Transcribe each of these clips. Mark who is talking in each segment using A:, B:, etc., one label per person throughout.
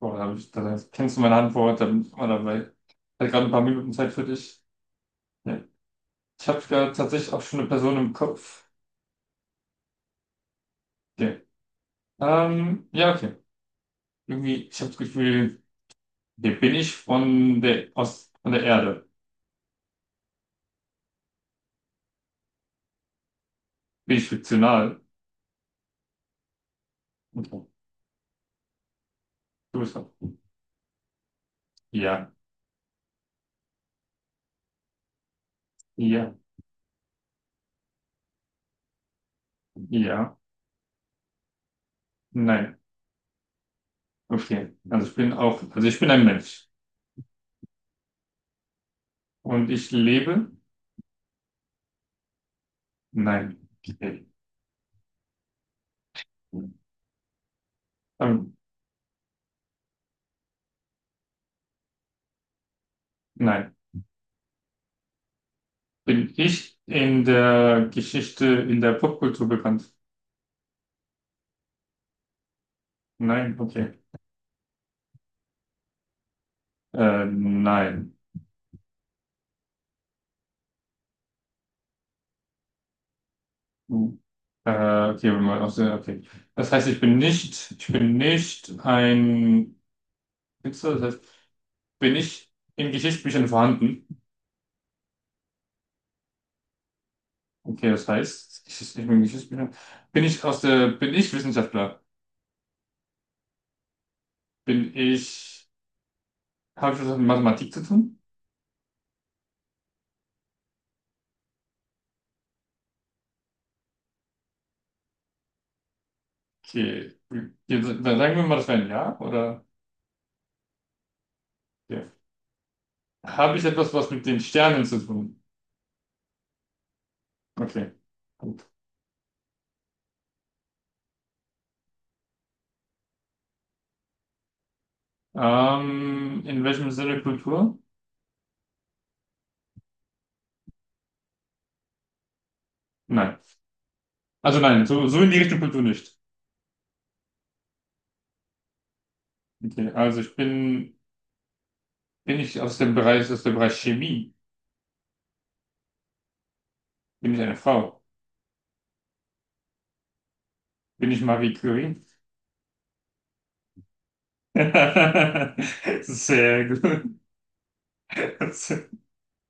A: Boah, da kennst du meine Antwort, da bin ich immer dabei. Ich hatte gerade ein paar Minuten Zeit für dich. Ja. Ich habe da tatsächlich auch schon eine Person im Kopf. Okay. Ja, okay. Irgendwie, ich habe das Gefühl, hier bin ich von der Erde. Bin ich fiktional? Okay. Du bist dran. Ja, ja, ja, nein. Okay. Also ich bin ein Mensch. Und ich lebe? Nein. Okay. Ähm, nein. Bin ich in der Geschichte, in der Popkultur bekannt? Nein, okay. Nein. Hm. Äh, okay, wenn man aus der, okay. Das heißt, ich bin nicht ein Witzer, das heißt, bin ich in Geschichtsbüchern vorhanden? Okay, das heißt, ich bin in Geschichtsbüchern. Bin ich Wissenschaftler? Bin ich, habe ich was mit Mathematik zu tun? Okay. Dann sagen wir mal, das wäre ein Ja, oder? Ja. Habe ich etwas, was mit den Sternen zu tun? Okay, gut. In welchem Sinne Kultur? Nein. Also nein, so, so in die Richtung Kultur nicht. Okay, bin ich aus dem Bereich Chemie? Bin ich eine Frau? Bin ich Marie Curie? Sehr gut.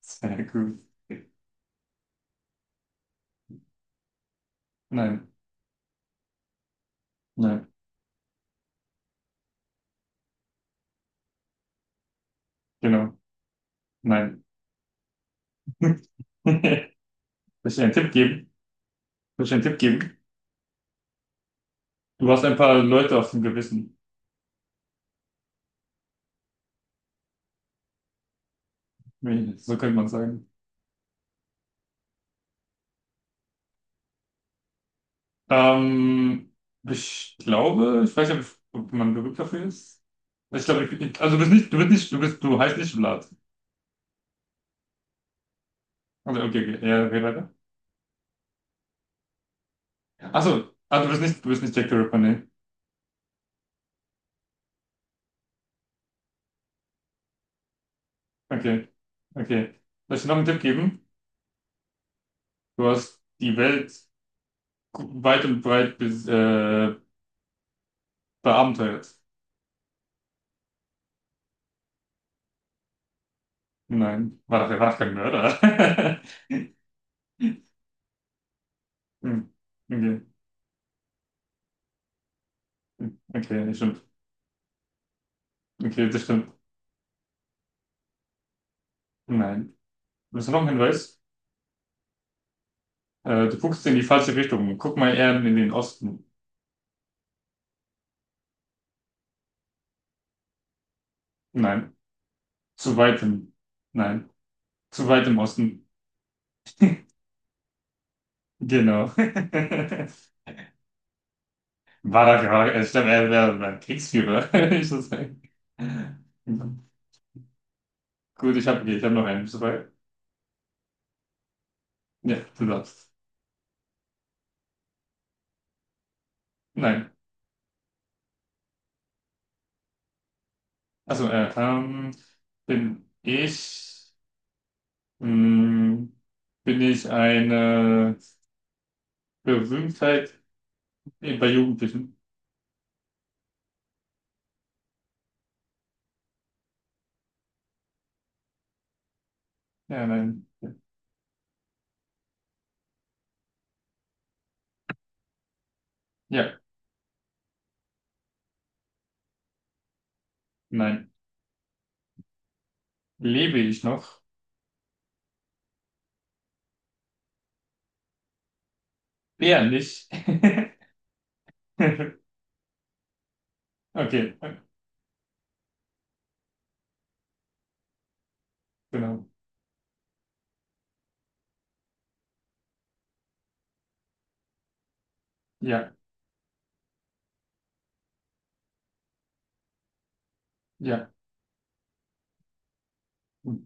A: Sehr gut. Nein, nein, genau, nein. Soll ich dir einen Tipp geben? Soll ich dir einen Tipp geben? Du hast ein paar Leute auf dem Gewissen. So könnte man sagen. Ähm, ich glaube, ich weiß nicht, ob man berühmt dafür ist. Ich glaube, also du bist, du heißt nicht Vlad. Also, okay, okay, ja, okay, weiter. Achso, ah, du bist nicht Jack the Ripper, nee. Okay, okay. Soll ich dir noch einen Tipp geben? Du hast die Welt weit und breit beabenteuert. Nein, war doch kein Mörder. Hm, okay, okay, das stimmt. Okay, das stimmt. Nein. Willst du noch einen Hinweis? Du guckst in die falsche Richtung. Guck mal eher in den Osten. Nein, zu weit im, nein, zu weit im Osten. Genau. War da gerade, ich glaube, er wäre ein Kriegsführer, würde ich so sagen. Gut, ich hab noch einen. Soweit. Ja, du darfst. Nein. Also, bin ich, mh, bin ich eine Berühmtheit bei Jugendlichen? Ja, nein. Ja, nein. Lebe ich noch? Eher nicht. Okay, genau. Ja, ja. Hm,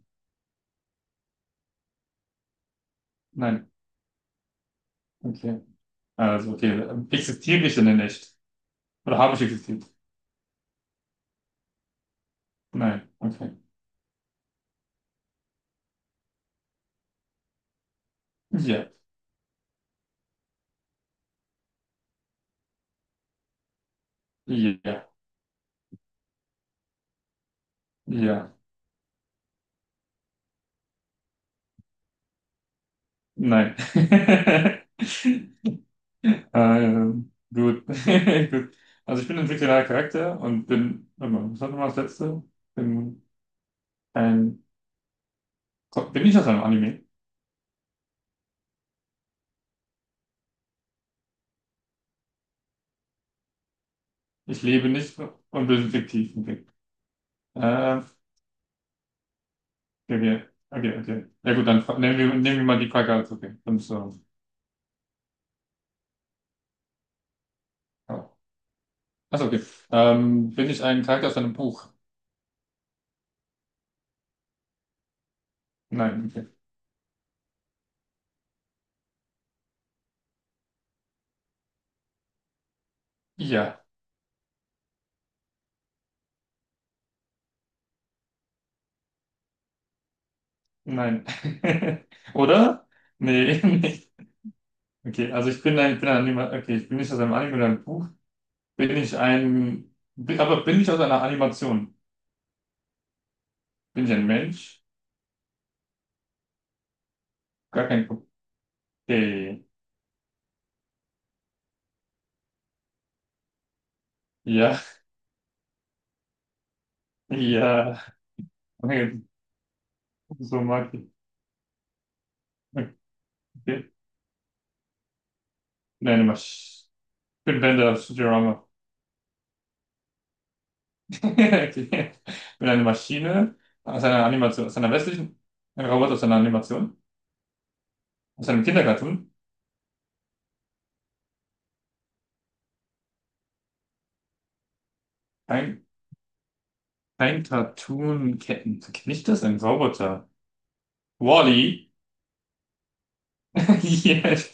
A: nein, okay. Also, okay. Existiere ich denn nicht? Oder habe ich existiert? Nein, okay. Ja, ja, ja. Nein. Gut. Gut. Also, ich bin ein fiktionaler Charakter und bin. Warte mal, was war nochmal das letzte? Bin ein. Bin ich aus einem Anime? Ich lebe nicht und bin fiktiv. Okay. Ähm, okay, okay, okay. Ja gut, dann nehmen wir mal die Frage als okay. Und so. Oh. Achso, okay. Bin ich ein Charakter aus einem Buch? Nein. Okay. Ja, nein. Oder? Nee, nee. Okay, also ich bin ein Anima okay, ich bin nicht aus einem Anime oder einem Buch. Bin ich ein, bi- aber bin ich aus einer Animation? Bin ich ein Mensch? Gar kein Pro- Okay. Ja, ja. Okay, so mag ich. Okay. Nein, ich bin Bender aus Futurama. Okay. Ich bin eine Maschine aus einer westlichen, ein Roboter aus einer Animation, aus einem Kindercartoon. Ein, ein Cartoon, kenn ich das? Ein Roboter. Wall-E? Yes.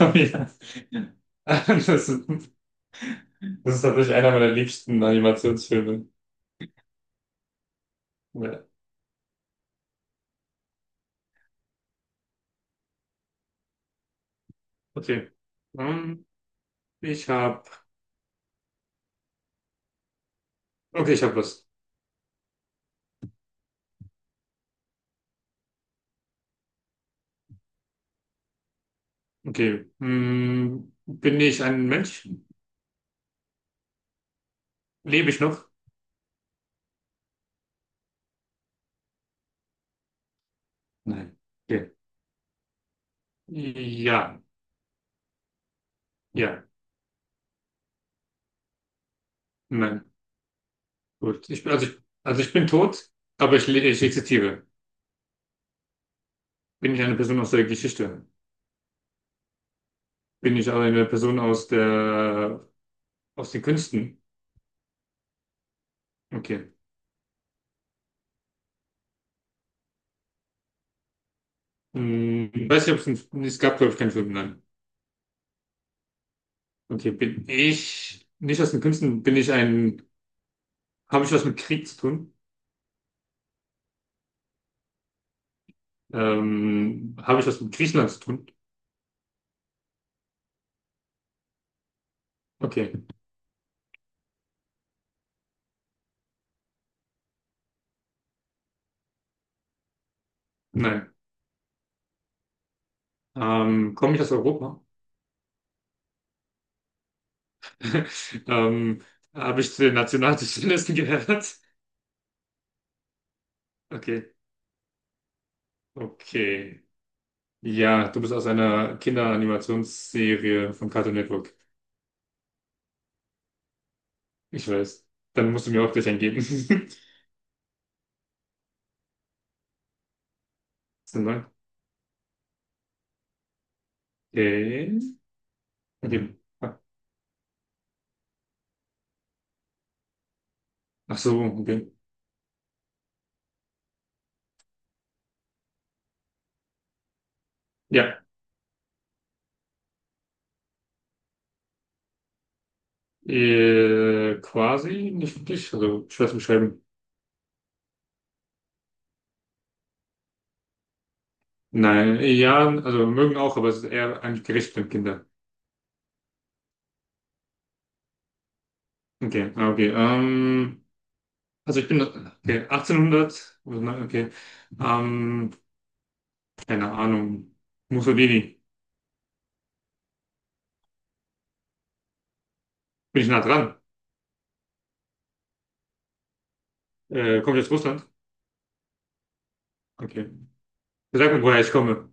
A: Oh ja. Das ist, das ist tatsächlich einer meiner liebsten Animationsfilme. Ja. Okay. Ähm, ich habe, okay, ich habe was. Okay. Hm, bin ich ein Mensch? Lebe ich noch? Nein. Okay. Ja, ja. Nein, gut. Ich, bin- also ich bin tot, aber ich existiere. Bin ich eine Person aus der Geschichte? Bin ich aber eine Person aus der, aus den Künsten? Okay. Hm, ich weiß nicht, ob es ein, es gab, glaube ich, keinen Film, nein. Okay, bin ich nicht aus den Künsten? Habe ich was mit Krieg zu tun? Habe ich was mit Griechenland zu tun? Okay, nein. Komme ich aus Europa? ähm, habe ich zu den Nationalsozialisten gehört? Okay, okay. Ja, du bist aus einer Kinderanimationsserie von Cartoon Network. Ich weiß. Dann musst du mir auch gleich eingeben. Warte mal. Okay. Okay. Ah, ach so, okay. Ja, quasi nicht wirklich. Also schwer zu beschreiben. Nein, ja, also mögen auch, aber es ist eher eigentlich gerichtet an Kinder. Okay, ah, okay. Also, 1800. oder nein, okay. Ähm, keine Ahnung. Mussolini. Bin ich nah dran? Komme ich aus Russland? Okay. Sag mir, woher ich komme.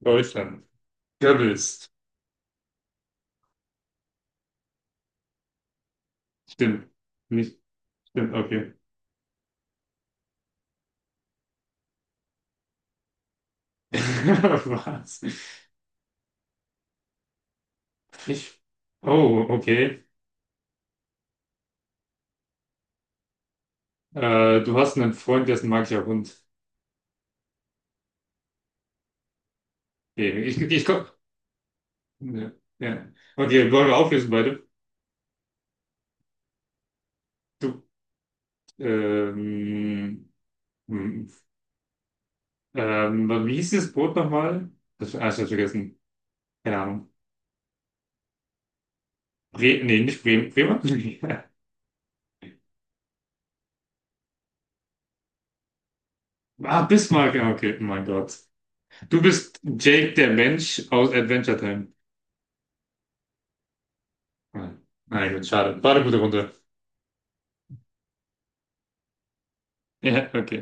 A: Deutschland. Goebbels. Stimmt. Nicht. Stimmt, okay. Was? Ich. Oh, okay. Du hast einen Freund, der ist ein magischer Hund. Okay, ich komm. Ja. Ja. Okay, wollen wir auflösen beide? Du. Ähm, hm. Wie hieß dieses Brot nochmal? Das, ah, ich hab's vergessen. Keine Ahnung. Bre nee, nicht Bremen. Bremer? Ah, Bismarck. Ah, okay, oh mein Gott. Du bist Jake, der Mensch aus Adventure Time. Ah, ah, ecco, ciao. Fare pure con te. Eh, ok.